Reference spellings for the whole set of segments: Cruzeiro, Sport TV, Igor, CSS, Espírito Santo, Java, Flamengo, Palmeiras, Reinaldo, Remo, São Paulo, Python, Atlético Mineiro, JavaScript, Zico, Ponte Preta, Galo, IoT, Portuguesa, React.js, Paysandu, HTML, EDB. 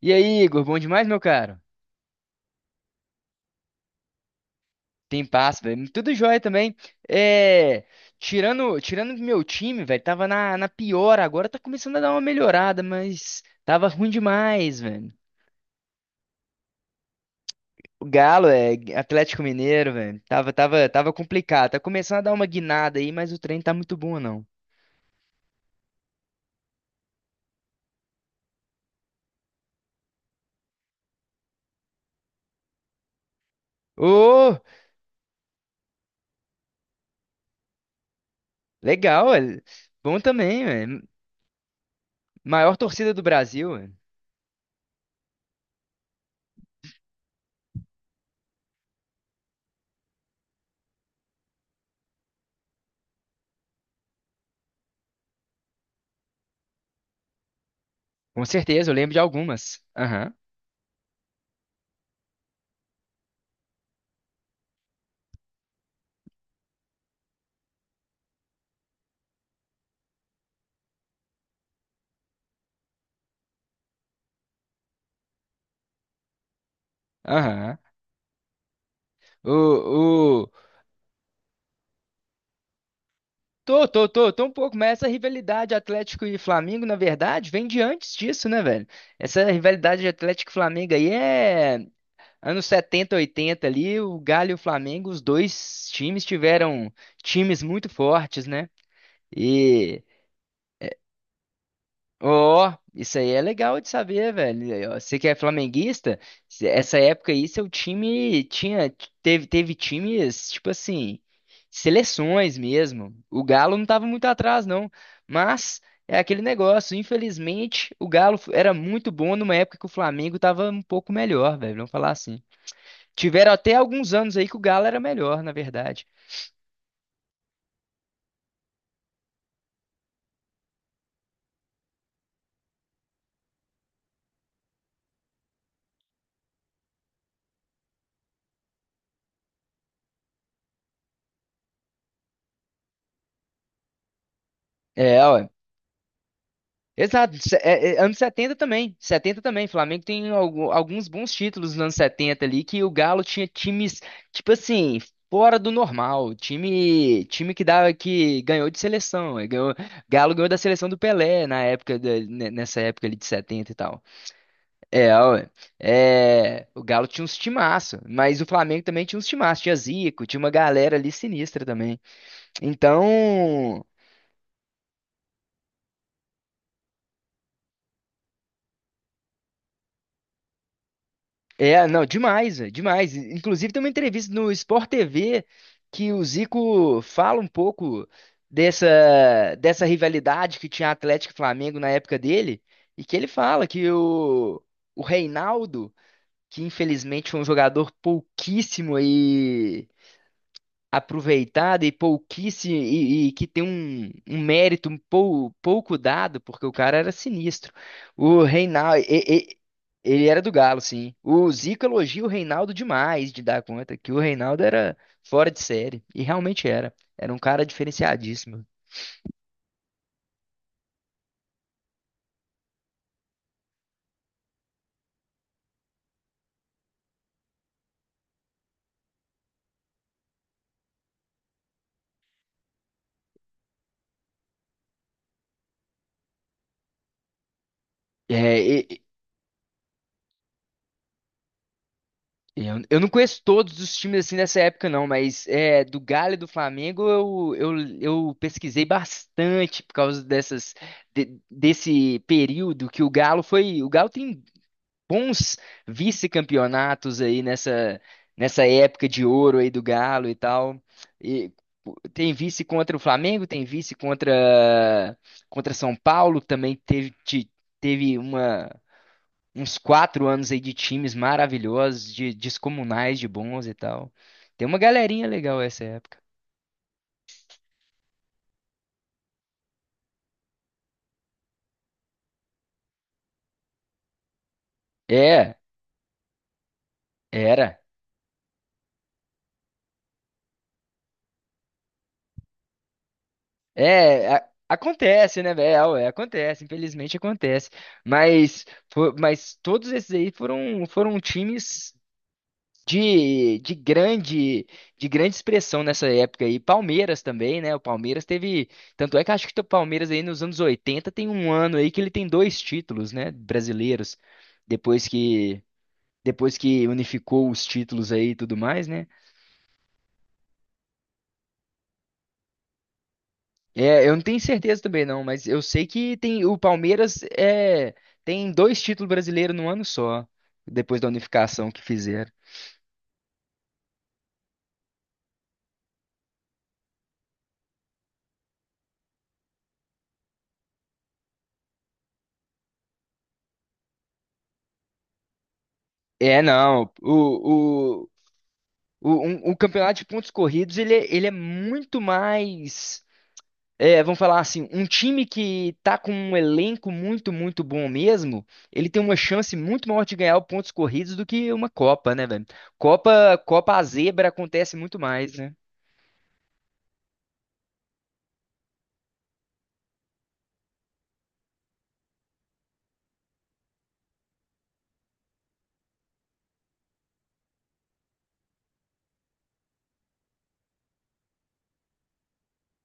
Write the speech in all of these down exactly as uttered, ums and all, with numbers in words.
E aí, Igor, bom demais, meu caro? Tem passo, velho. Tudo jóia também. É, tirando, tirando do meu time, velho, tava na, na pior, agora tá começando a dar uma melhorada, mas tava ruim demais, velho. O Galo é Atlético Mineiro, velho. Tava, tava, tava complicado. Tá começando a dar uma guinada aí, mas o trem tá muito bom, não. Ô, legal, velho. Bom também, velho. Maior torcida do Brasil, velho. Com certeza, eu lembro de algumas. Aham, aham. O, Tô, tô, tô, tô um pouco, mas essa rivalidade Atlético e Flamengo, na verdade, vem de antes disso, né, velho? Essa rivalidade de Atlético e Flamengo aí é anos setenta, oitenta ali, o Galo e o Flamengo, os dois times tiveram times muito fortes, né? Ó, isso aí é legal de saber, velho. Aí, ó, você que é flamenguista, se- essa época aí seu time tinha teve teve times, tipo assim, seleções mesmo. O Galo não tava muito atrás não, mas é aquele negócio, infelizmente, o Galo f- era muito bom numa época que o Flamengo tava um pouco melhor, velho, vamos falar assim. Tiveram até alguns anos aí que o Galo era melhor, na verdade. É, Exato, se- é- é, anos setenta também. setenta também. Flamengo tem algu- alguns bons títulos nos anos setenta ali que o Galo tinha times, tipo assim, fora do normal. Time, time que dava, que ganhou de seleção. eh, Ganhou, Galo ganhou da seleção do Pelé na época, da- ne- nessa época ali de setenta e tal. É, ué. É, o Galo tinha uns timaço, mas o Flamengo também tinha uns timaço. Tinha Zico, tinha uma galera ali sinistra também. Então. É, não, demais, velho, demais. Inclusive tem uma entrevista no Sport T V que o Zico fala um pouco dessa, dessa rivalidade que tinha Atlético e Flamengo na época dele, e que ele fala que o, o Reinaldo, que infelizmente foi um jogador pouquíssimo aí aproveitada e pouquíssimo e, e que tem um, um mérito um pou- pouco dado, porque o cara era sinistro. O Reinaldo, ele era do Galo, sim. O Zico elogia o Reinaldo demais de dar conta que o Reinaldo era fora de série e realmente era. Era um cara diferenciadíssimo. É, Eu, eu não conheço todos os times assim nessa época, não, mas é, do Galo e do Flamengo eu, eu, eu pesquisei bastante por causa dessas, de- desse período que o Galo foi. O Galo tem bons vice-campeonatos aí nessa, nessa época de ouro aí do Galo e tal. E tem vice contra o Flamengo, tem vice contra, contra São Paulo, que também teve, te- teve uma uns quatro anos aí de times maravilhosos, de descomunais, de bons e tal. Tem uma galerinha legal essa época. É, era. É, a- acontece, né, velho? É, acontece, infelizmente acontece. Mas, fo- mas todos esses aí foram, foram times de, de grande, de grande expressão nessa época aí. Palmeiras também, né? O Palmeiras teve. Tanto é que acho que o Palmeiras aí nos anos oitenta tem um ano aí que ele tem dois títulos, né, brasileiros. Depois que depois que unificou os títulos aí e tudo mais, né? É, eu não tenho certeza também não, mas eu sei que tem o Palmeiras é, tem dois títulos brasileiros no ano só, depois da unificação que fizeram. É, não, o, o, o, um- o campeonato de pontos corridos, ele, é- ele é muito mais. É, vamos falar assim, um time que tá com um elenco muito, muito bom mesmo, ele tem uma chance muito maior de ganhar pontos corridos do que uma Copa, né, velho? Copa, Copa a zebra acontece muito mais, né?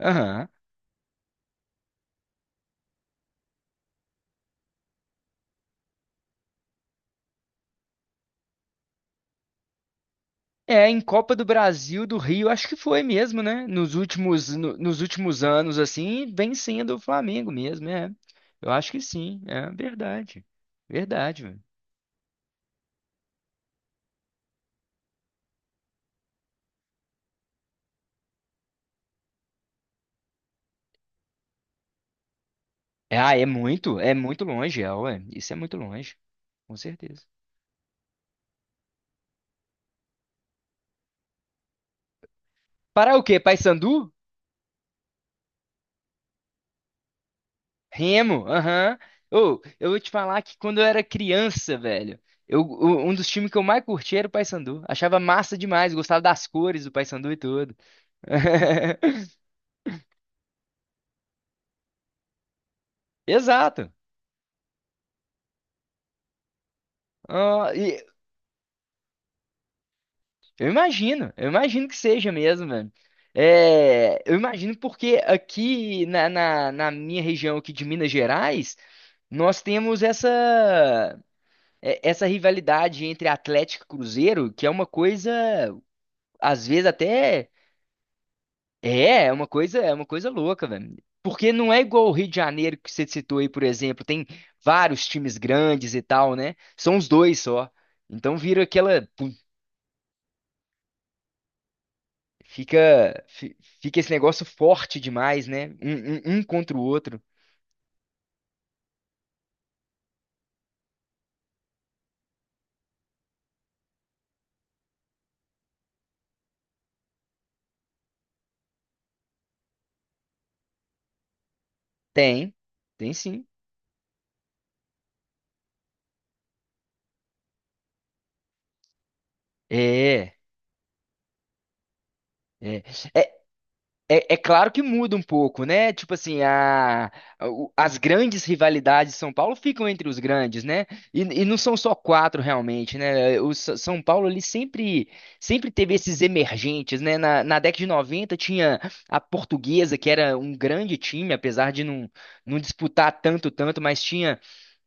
Aham. É, em Copa do Brasil, do Rio, acho que foi mesmo, né? Nos últimos, no- nos últimos anos, assim, vem sendo o Flamengo mesmo, é. Eu acho que sim, é verdade. Verdade, velho. É, Ah, é muito, é muito longe, é, ué. Isso é muito longe, com certeza. Para o quê? Paysandu? Remo, aham. Ô, eu vou te falar que quando eu era criança, velho, eu, o- um dos times que eu mais curti era o Paysandu. Achava massa demais, gostava das cores do Paysandu e tudo. Exato. Ah, e eu imagino, eu imagino que seja mesmo, velho. É, eu imagino porque aqui na, na, na minha região aqui de Minas Gerais, nós temos essa, é- essa rivalidade entre Atlético e Cruzeiro, que é uma coisa, às vezes, até. É, é uma coisa, é uma coisa louca, velho. Porque não é igual o Rio de Janeiro que você citou aí, por exemplo, tem vários times grandes e tal, né? São os dois só. Então vira aquela, pum, fica, fi- fica esse negócio forte demais, né? Um, um- um contra o outro. Tem, tem sim. É, é. É, é claro que muda um pouco, né? Tipo assim, a, a- o- as grandes rivalidades de São Paulo ficam entre os grandes, né? E, e não são só quatro realmente, né? O S- São Paulo ali sempre, sempre teve esses emergentes, né? Na, na década de noventa tinha a Portuguesa, que era um grande time, apesar de não, não disputar tanto, tanto, mas tinha,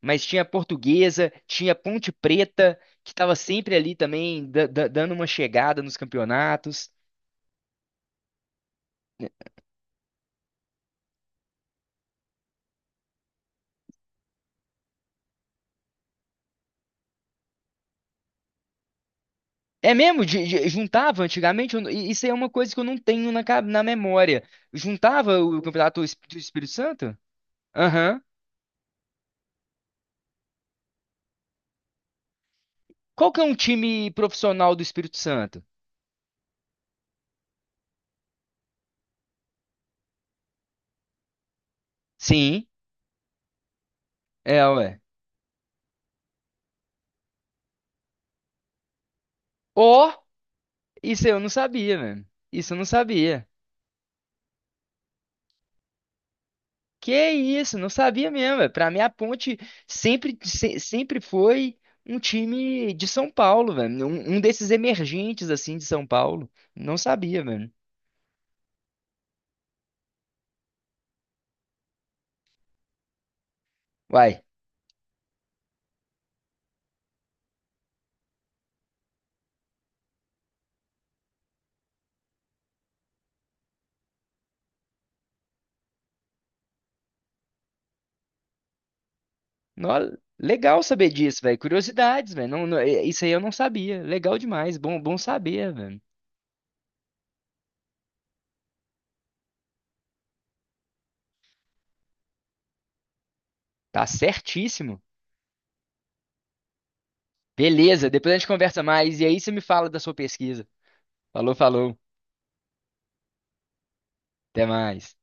mas tinha a Portuguesa, tinha a Ponte Preta, que estava sempre ali também da- da- dando uma chegada nos campeonatos. É mesmo? De- de- juntava antigamente? Eu não- i- isso aí é uma coisa que eu não tenho na, ca- na memória. Juntava o campeonato es- do Espírito Santo? Aham. Qual que é um time profissional do Espírito Santo? Sim, é, ué. Ó, isso eu não sabia, mano. Isso eu não sabia. Que isso, não sabia mesmo. Ué. Pra mim, a Ponte sempre, se- sempre foi um time de São Paulo, velho. Um, um desses emergentes, assim, de São Paulo. Não sabia, velho. Uai. Nó- legal saber disso, velho. Curiosidades, velho. Não- não- é- isso aí eu não sabia. Legal demais. Bom, bom saber, velho. Tá certíssimo. Beleza, depois a gente conversa mais. E aí você me fala da sua pesquisa. Falou, falou. Até mais.